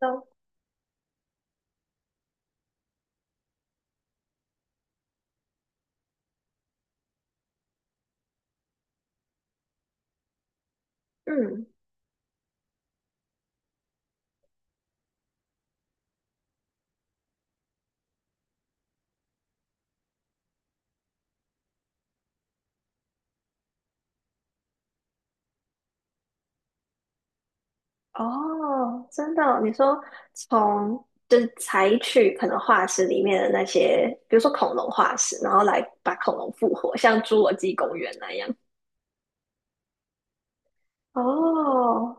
都嗯，哦，真的哦你说从就是采取可能化石里面的那些，比如说恐龙化石，然后来把恐龙复活，像侏罗纪公园那样。哦，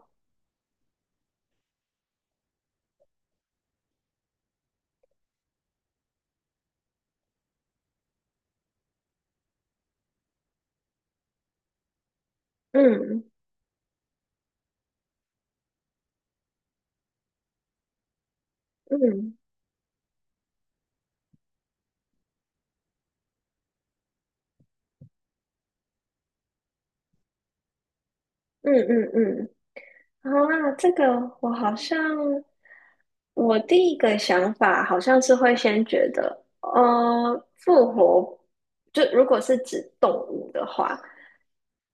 嗯嗯嗯嗯嗯，啊，这个我好像我第一个想法好像是会先觉得，复活，就如果是指动物的话。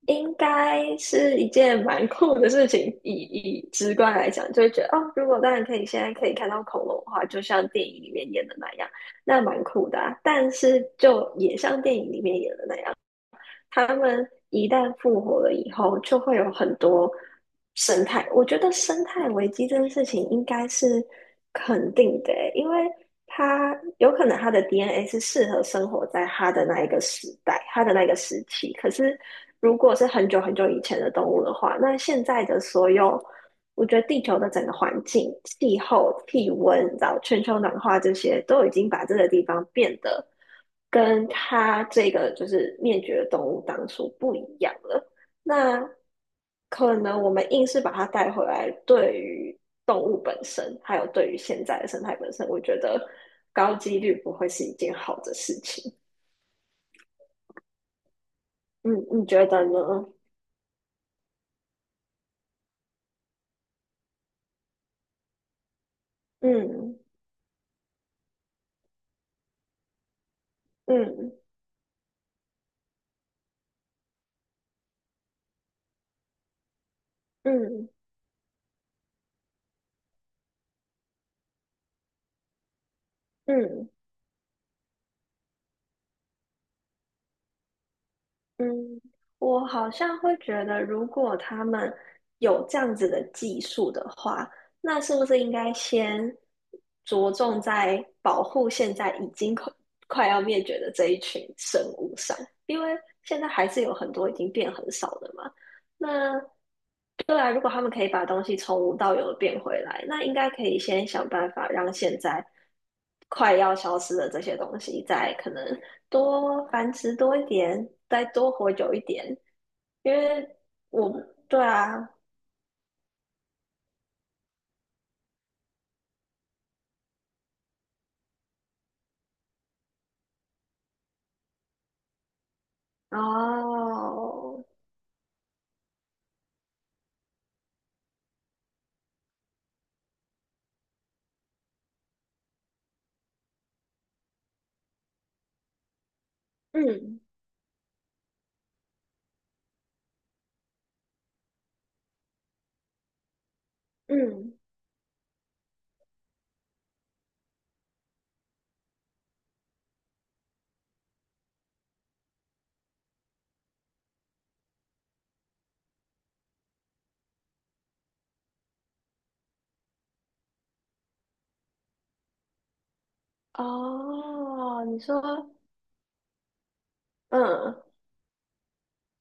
应该是一件蛮酷的事情，以直观来讲，就会觉得哦，如果当然可以，现在可以看到恐龙的话，就像电影里面演的那样，那蛮酷的啊，但是就也像电影里面演的那样。他们一旦复活了以后，就会有很多生态。我觉得生态危机这件事情应该是肯定的欸，因为它有可能它的 DNA 是适合生活在它的那一个时代，它的那个时期。可是如果是很久很久以前的动物的话，那现在的所有，我觉得地球的整个环境、气候、气温，然后全球暖化这些，都已经把这个地方变得跟它这个就是灭绝的动物当初不一样了。那可能我们硬是把它带回来，对于动物本身，还有对于现在的生态本身，我觉得高几率不会是一件好的事情。嗯，你觉得呢？嗯嗯嗯嗯。嗯，我好像会觉得，如果他们有这样子的技术的话，那是不是应该先着重在保护现在已经快要灭绝的这一群生物上？因为现在还是有很多已经变很少的嘛。那对啊，如果他们可以把东西从无到有的变回来，那应该可以先想办法让现在快要消失的这些东西，再可能多繁殖多一点，再多活久一点。因为我对啊，哦，嗯嗯，哦，你说，嗯，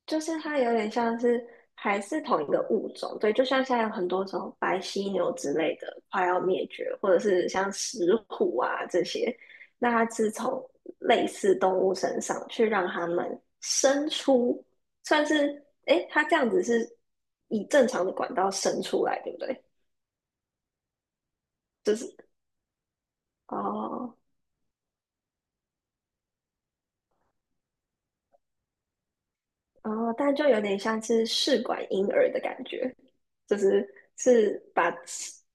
就是它有点像是还是同一个物种，对，就像现在有很多种白犀牛之类的快要灭绝，或者是像石虎啊这些，那它是从类似动物身上去让它们生出，算是，诶，它这样子是以正常的管道生出来，对不对？就是哦哦，但就有点像是试管婴儿的感觉。就是是把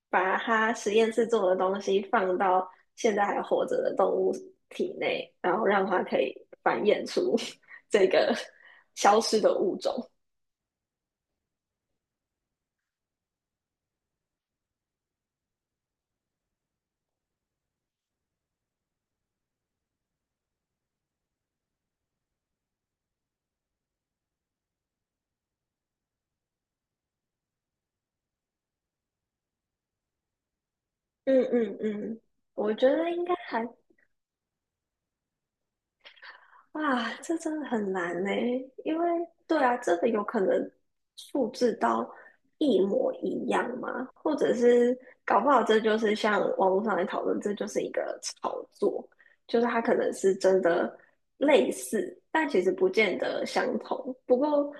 把它实验室做的东西放到现在还活着的动物体内，然后让它可以繁衍出 这个消失的物种。嗯嗯嗯，我觉得应该还，啊，这真的很难呢，因为对啊，这个有可能复制到一模一样嘛，或者是搞不好这就是像网络上来讨论，这就是一个炒作，就是它可能是真的类似，但其实不见得相同。不过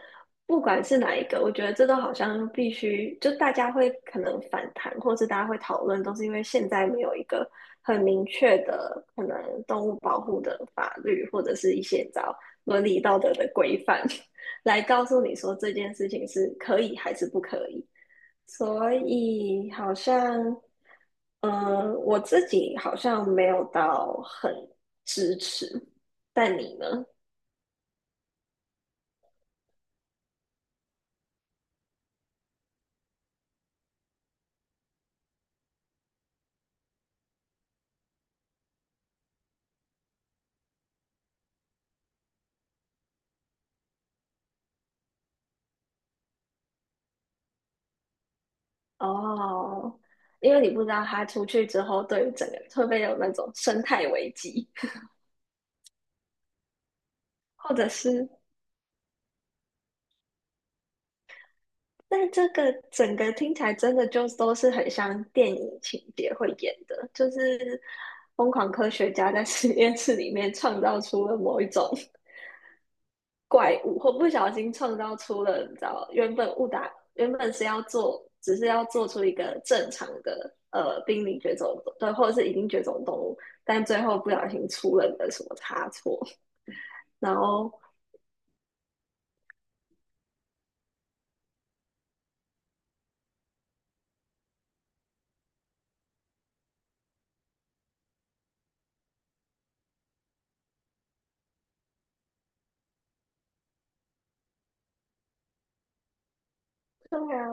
不管是哪一个，我觉得这都好像必须，就大家会可能反弹，或是大家会讨论，都是因为现在没有一个很明确的可能动物保护的法律，或者是一些找伦理道德的规范，来告诉你说这件事情是可以还是不可以。所以好像，嗯，我自己好像没有到很支持，但你呢？哦，因为你不知道他出去之后，对于整个会不会有那种生态危机，或者是，但这个整个听起来真的就都是很像电影情节会演的，就是疯狂科学家在实验室里面创造出了某一种。怪物，或不小心创造出了，你知道，原本误打原本是要做，只是要做出一个正常的濒临绝种，对，或者是已经绝种动物，但最后不小心出了个什么差错，然后对啊，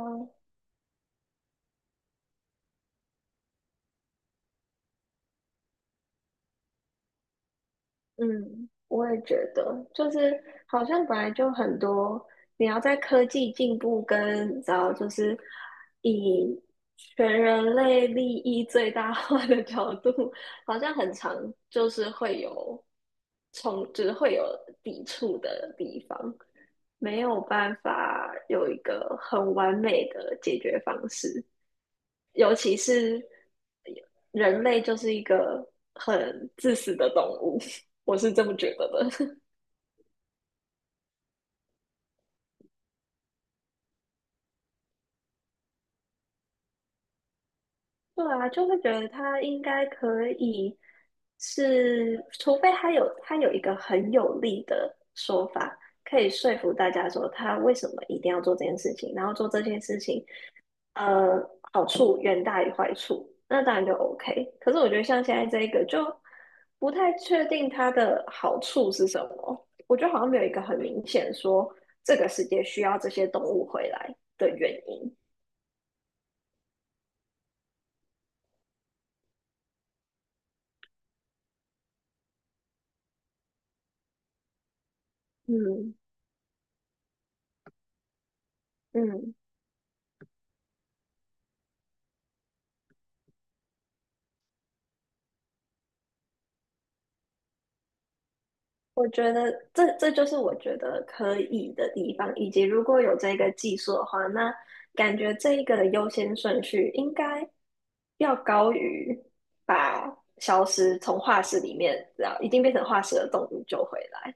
嗯，我也觉得，就是好像本来就很多，你要在科技进步跟你知道，就是以全人类利益最大化的角度，好像很常就是会有冲，就是会有抵触的地方，没有办法有一个很完美的解决方式。尤其是人类就是一个很自私的动物，我是这么觉得的。对啊，就会觉得他应该可以是，除非他有一个很有力的说法，可以说服大家说他为什么一定要做这件事情，然后做这件事情呃，好处远大于坏处，那当然就 OK。可是我觉得像现在这一个，就不太确定它的好处是什么。我觉得好像没有一个很明显说这个世界需要这些动物回来的原因。嗯嗯。我觉得这就是我觉得可以的地方，以及如果有这个技术的话，那感觉这一个的优先顺序应该要高于把消失从化石里面，然后一定变成化石的动物救回来。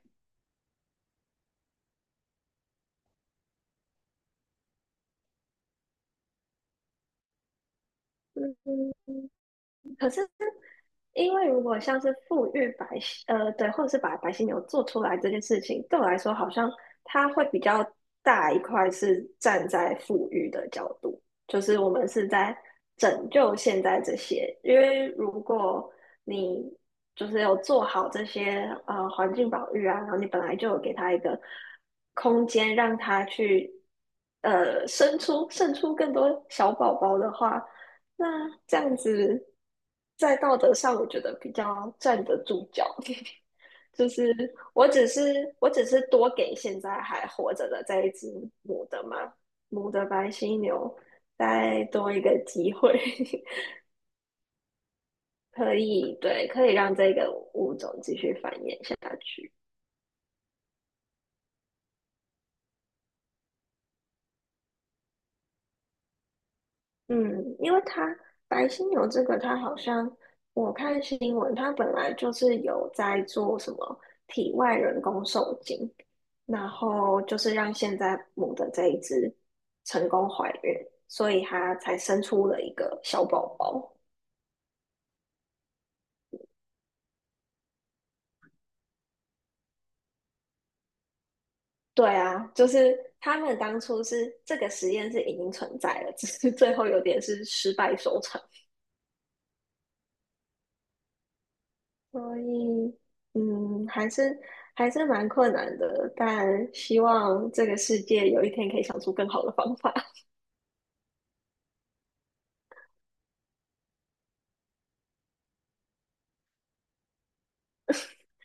因为如果像是富裕白犀，对，或者是把白犀牛做出来这件事情，对我来说好像它会比较大一块是站在富裕的角度，就是我们是在拯救现在这些，因为如果你就是有做好这些环境保育啊，然后你本来就有给它一个空间让它去生出更多小宝宝的话。那这样子，在道德上，我觉得比较站得住脚。就是我只是多给现在还活着的这一只母的嘛，母的白犀牛再多一个机会，可以对，可以让这个物种继续繁衍下去。嗯，因为它白犀牛这个，它好像我看新闻，它本来就是有在做什么体外人工受精，然后就是让现在母的这一只成功怀孕，所以它才生出了一个小宝宝。对啊，就是他们当初是这个实验是已经存在了，只是最后有点是失败收场。所以，嗯，还是蛮困难的，但希望这个世界有一天可以想出更好的方法。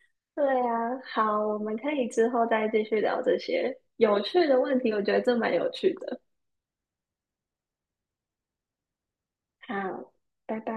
对啊，好，我们可以之后再继续聊这些有趣的问题，我觉得这蛮有趣的。好，拜拜。